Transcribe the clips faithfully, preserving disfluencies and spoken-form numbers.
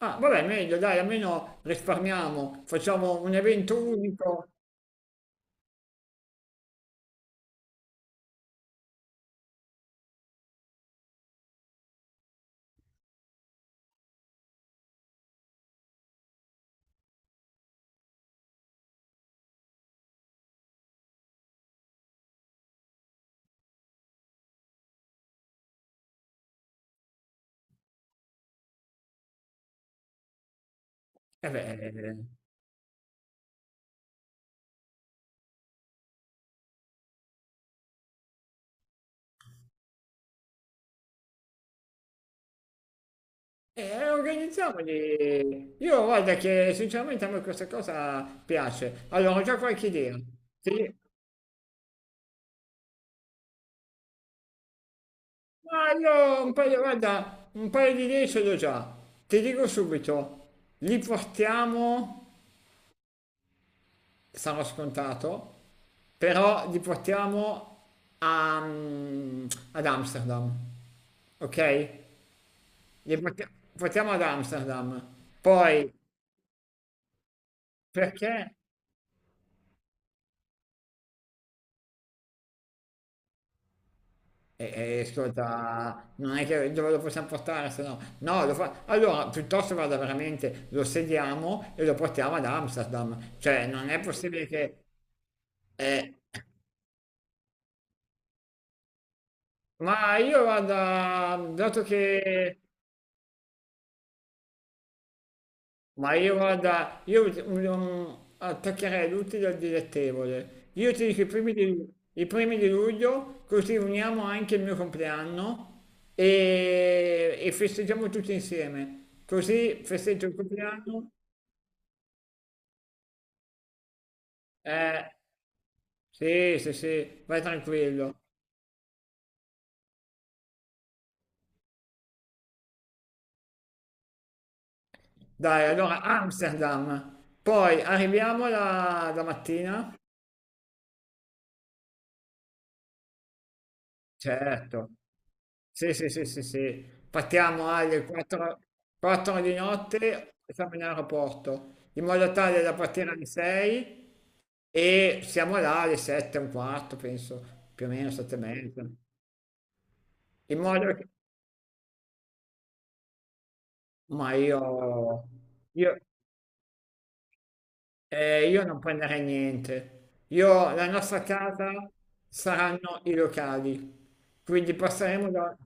Ah, vabbè, meglio, dai, almeno risparmiamo, facciamo un evento unico. E beh, eh, eh, organizziamoli. Io guarda che sinceramente a me questa cosa piace. Allora, ho già qualche idea. Ti- Ma io un paio, guarda, un paio di idee ce l'ho già. Ti dico subito, li portiamo, sarà scontato, però li portiamo a- mm, ad Amsterdam, ok? Li porti- portiamo ad Amsterdam. Poi, perché? E, e, ascolta, non è che dove lo possiamo portare, se no... No, lo fa... Allora, piuttosto vada veramente, lo sediamo e lo portiamo ad Amsterdam. Cioè, non è possibile che... eh, Ma io vado, dato che... Ma io guarda, io un- un- attaccherei l'utile al dilettevole. Io ti dico i primi di, i primi di luglio, così uniamo anche il mio compleanno e, e festeggiamo tutti insieme. Così festeggio il compleanno. Eh, sì, sì, sì, vai tranquillo. Dai, allora Amsterdam. Poi arriviamo la, la mattina. Certo, sì, sì, sì, sì, sì. Partiamo alle quattro, quattro di notte e siamo in aeroporto, in modo tale da partire alle sei e siamo là alle sette e un quarto, penso, più o meno sette e mezza. In modo che... Ma io, io, Eh, io non prenderei niente. Io, la nostra casa saranno i locali. Quindi passeremo da,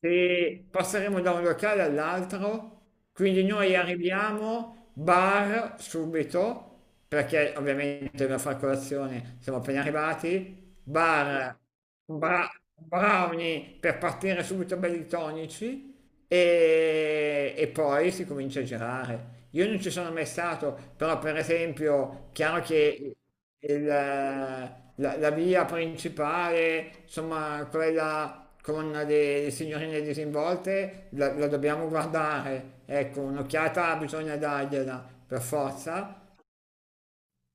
se passeremo da un locale all'altro. Quindi noi arriviamo, bar subito, perché ovviamente dobbiamo fare colazione, siamo appena arrivati. Bar, bra- brownie per partire subito belli tonici e, e poi si comincia a girare. Io non ci sono mai stato, però per esempio, chiaro che il- la, la via principale, insomma, quella con le, le signorine disinvolte, la, la dobbiamo guardare. Ecco, un'occhiata bisogna dargliela per forza.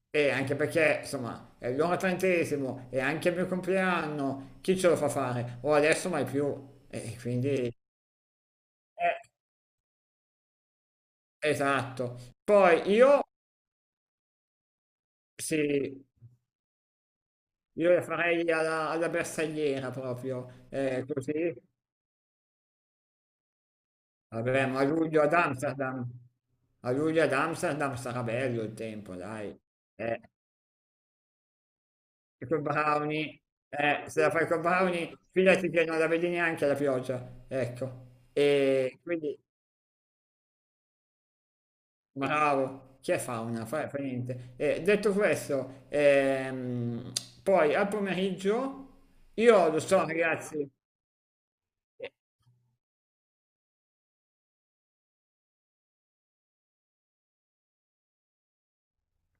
E anche perché, insomma, è l'ora trentesimo e anche il mio compleanno, chi ce lo fa fare? O adesso mai più. E quindi... eh, Esatto. Poi io, sì, io le farei alla, alla bersagliera proprio, eh, così, vabbè, ma a luglio ad Amsterdam, a luglio ad Amsterdam sarà bello il tempo, dai. Eh, e con Brownie, eh, se la fai con Brownie, fidati che non la vedi neanche la pioggia, ecco. E quindi, bravo, chi è fauna? Fa, fa niente. Eh, detto questo, ehm, poi al pomeriggio, io lo so, ragazzi.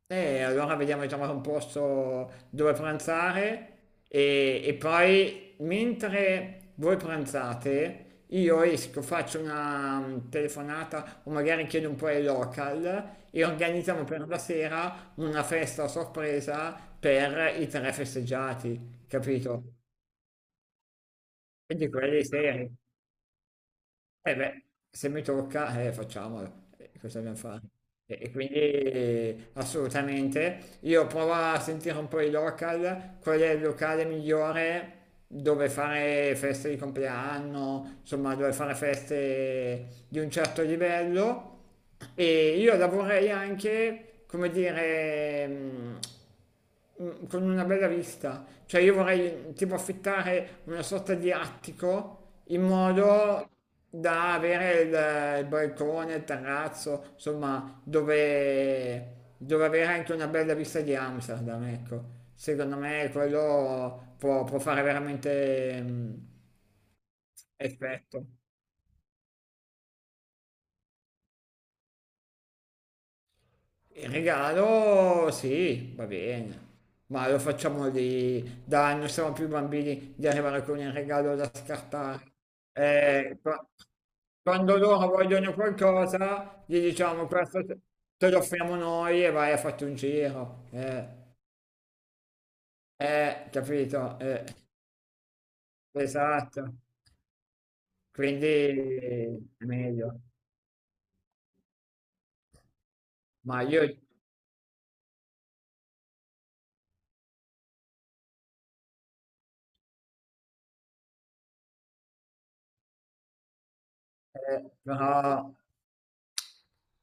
E allora vediamo di trovare un posto dove pranzare e, e poi mentre voi pranzate io esco, faccio una mm, telefonata o magari chiedo un po' ai local e organizziamo per la sera una festa a sorpresa per i tre festeggiati, capito? Quindi quelli seri. Eh beh, se mi tocca, eh, facciamolo. Eh, cosa dobbiamo fare? E, e quindi eh, assolutamente, io provo a sentire un po' i local, qual è il locale migliore dove fare feste di compleanno, insomma dove fare feste di un certo livello e io lavorerei anche, come dire, mm, mm, con una bella vista, cioè io vorrei tipo affittare una sorta di attico in modo da avere il, il balcone, il terrazzo, insomma, dove, dove avere anche una bella vista di Amsterdam, ecco. Secondo me quello può, può fare veramente mm, effetto. Il regalo, sì, va bene, ma lo facciamo lì, dai, non siamo più bambini di arrivare con il regalo da scartare. Eh, qua- quando loro vogliono qualcosa, gli diciamo questo te te lo offriamo noi e vai a farti un giro. Eh, eh, capito? Eh, esatto, quindi è meglio. Ma io, eh, però,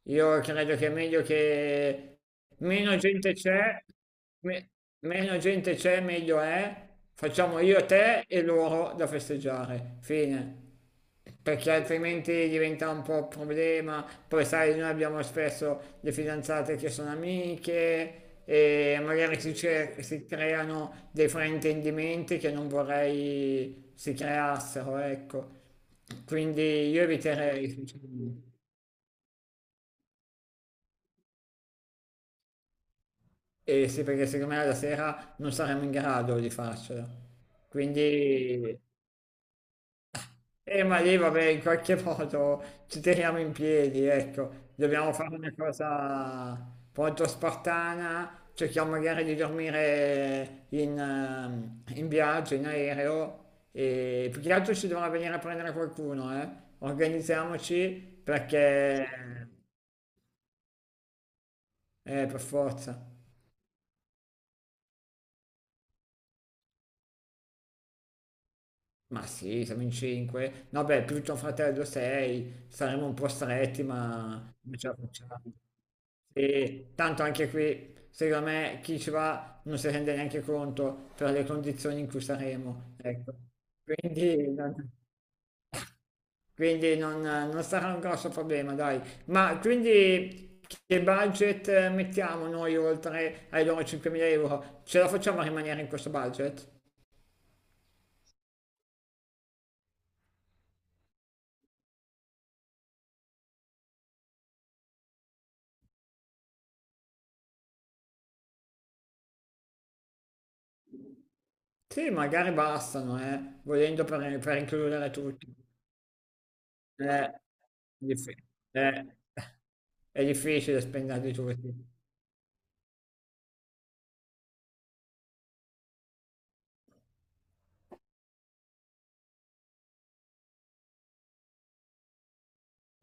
Io credo che è meglio che meno gente c'è, me- meno gente c'è, meglio è. Facciamo io, te e loro da festeggiare. Fine. Perché altrimenti diventa un po' un problema. Poi sai, noi abbiamo spesso le fidanzate che sono amiche e magari si, cer- si creano dei fraintendimenti che non vorrei si creassero, ecco. Quindi io eviterei sinceramente. E sì, perché secondo me la sera non saremmo in grado di farcela. Quindi, eh, ma lì vabbè, in qualche modo ci tiriamo in piedi, ecco. Dobbiamo fare una cosa molto spartana, cerchiamo magari di dormire in, ehm, in viaggio, in aereo, e più che altro ci dovrà venire a prendere qualcuno, eh. Organizziamoci perché, eh, per forza. Ma sì, siamo in cinque. No, beh, più tuo fratello sei, saremo un po' stretti, ma ma ce la facciamo. E tanto anche qui, secondo me, chi ci va non si rende neanche conto per le condizioni in cui saremo. Ecco. Quindi, non, quindi non- non sarà un grosso problema, dai. Ma quindi che budget eh, mettiamo noi oltre ai loro cinquemila euro? Ce la facciamo a rimanere in questo budget? Sì, magari bastano, eh, volendo per, per includere tutti. Eh, dif- eh, è difficile spenderli tutti.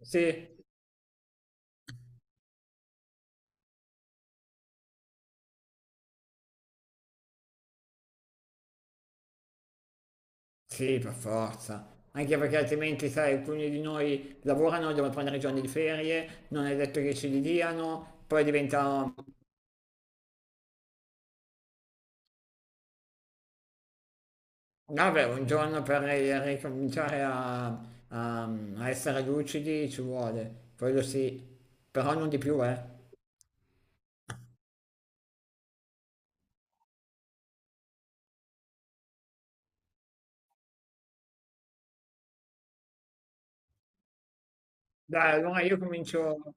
Sì, sì, per forza. Anche perché altrimenti, sai, alcuni di noi lavorano, devono prendere i giorni di ferie, non è detto che ce li diano, poi diventa, vabbè, un giorno per ri- ricominciare a, a- a essere lucidi ci vuole, quello sì, però non di più, eh. Dai, allora io comincio...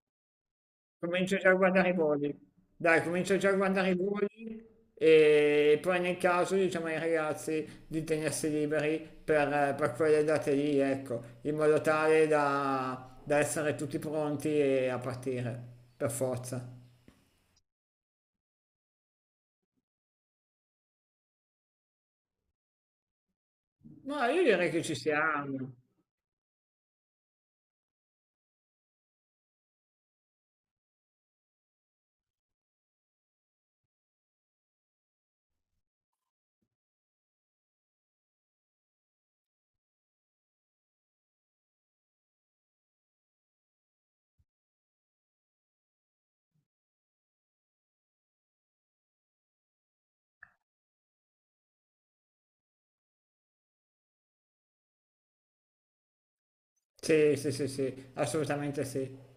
comincio già a guardare i voli. Dai, comincio già a guardare i voli e poi nel caso diciamo ai ragazzi di tenersi liberi per, per quelle date lì, ecco, in modo tale da, da essere tutti pronti e a partire, per forza. No, io direi che ci siamo. Sì, sì, sì, sì, assolutamente sì.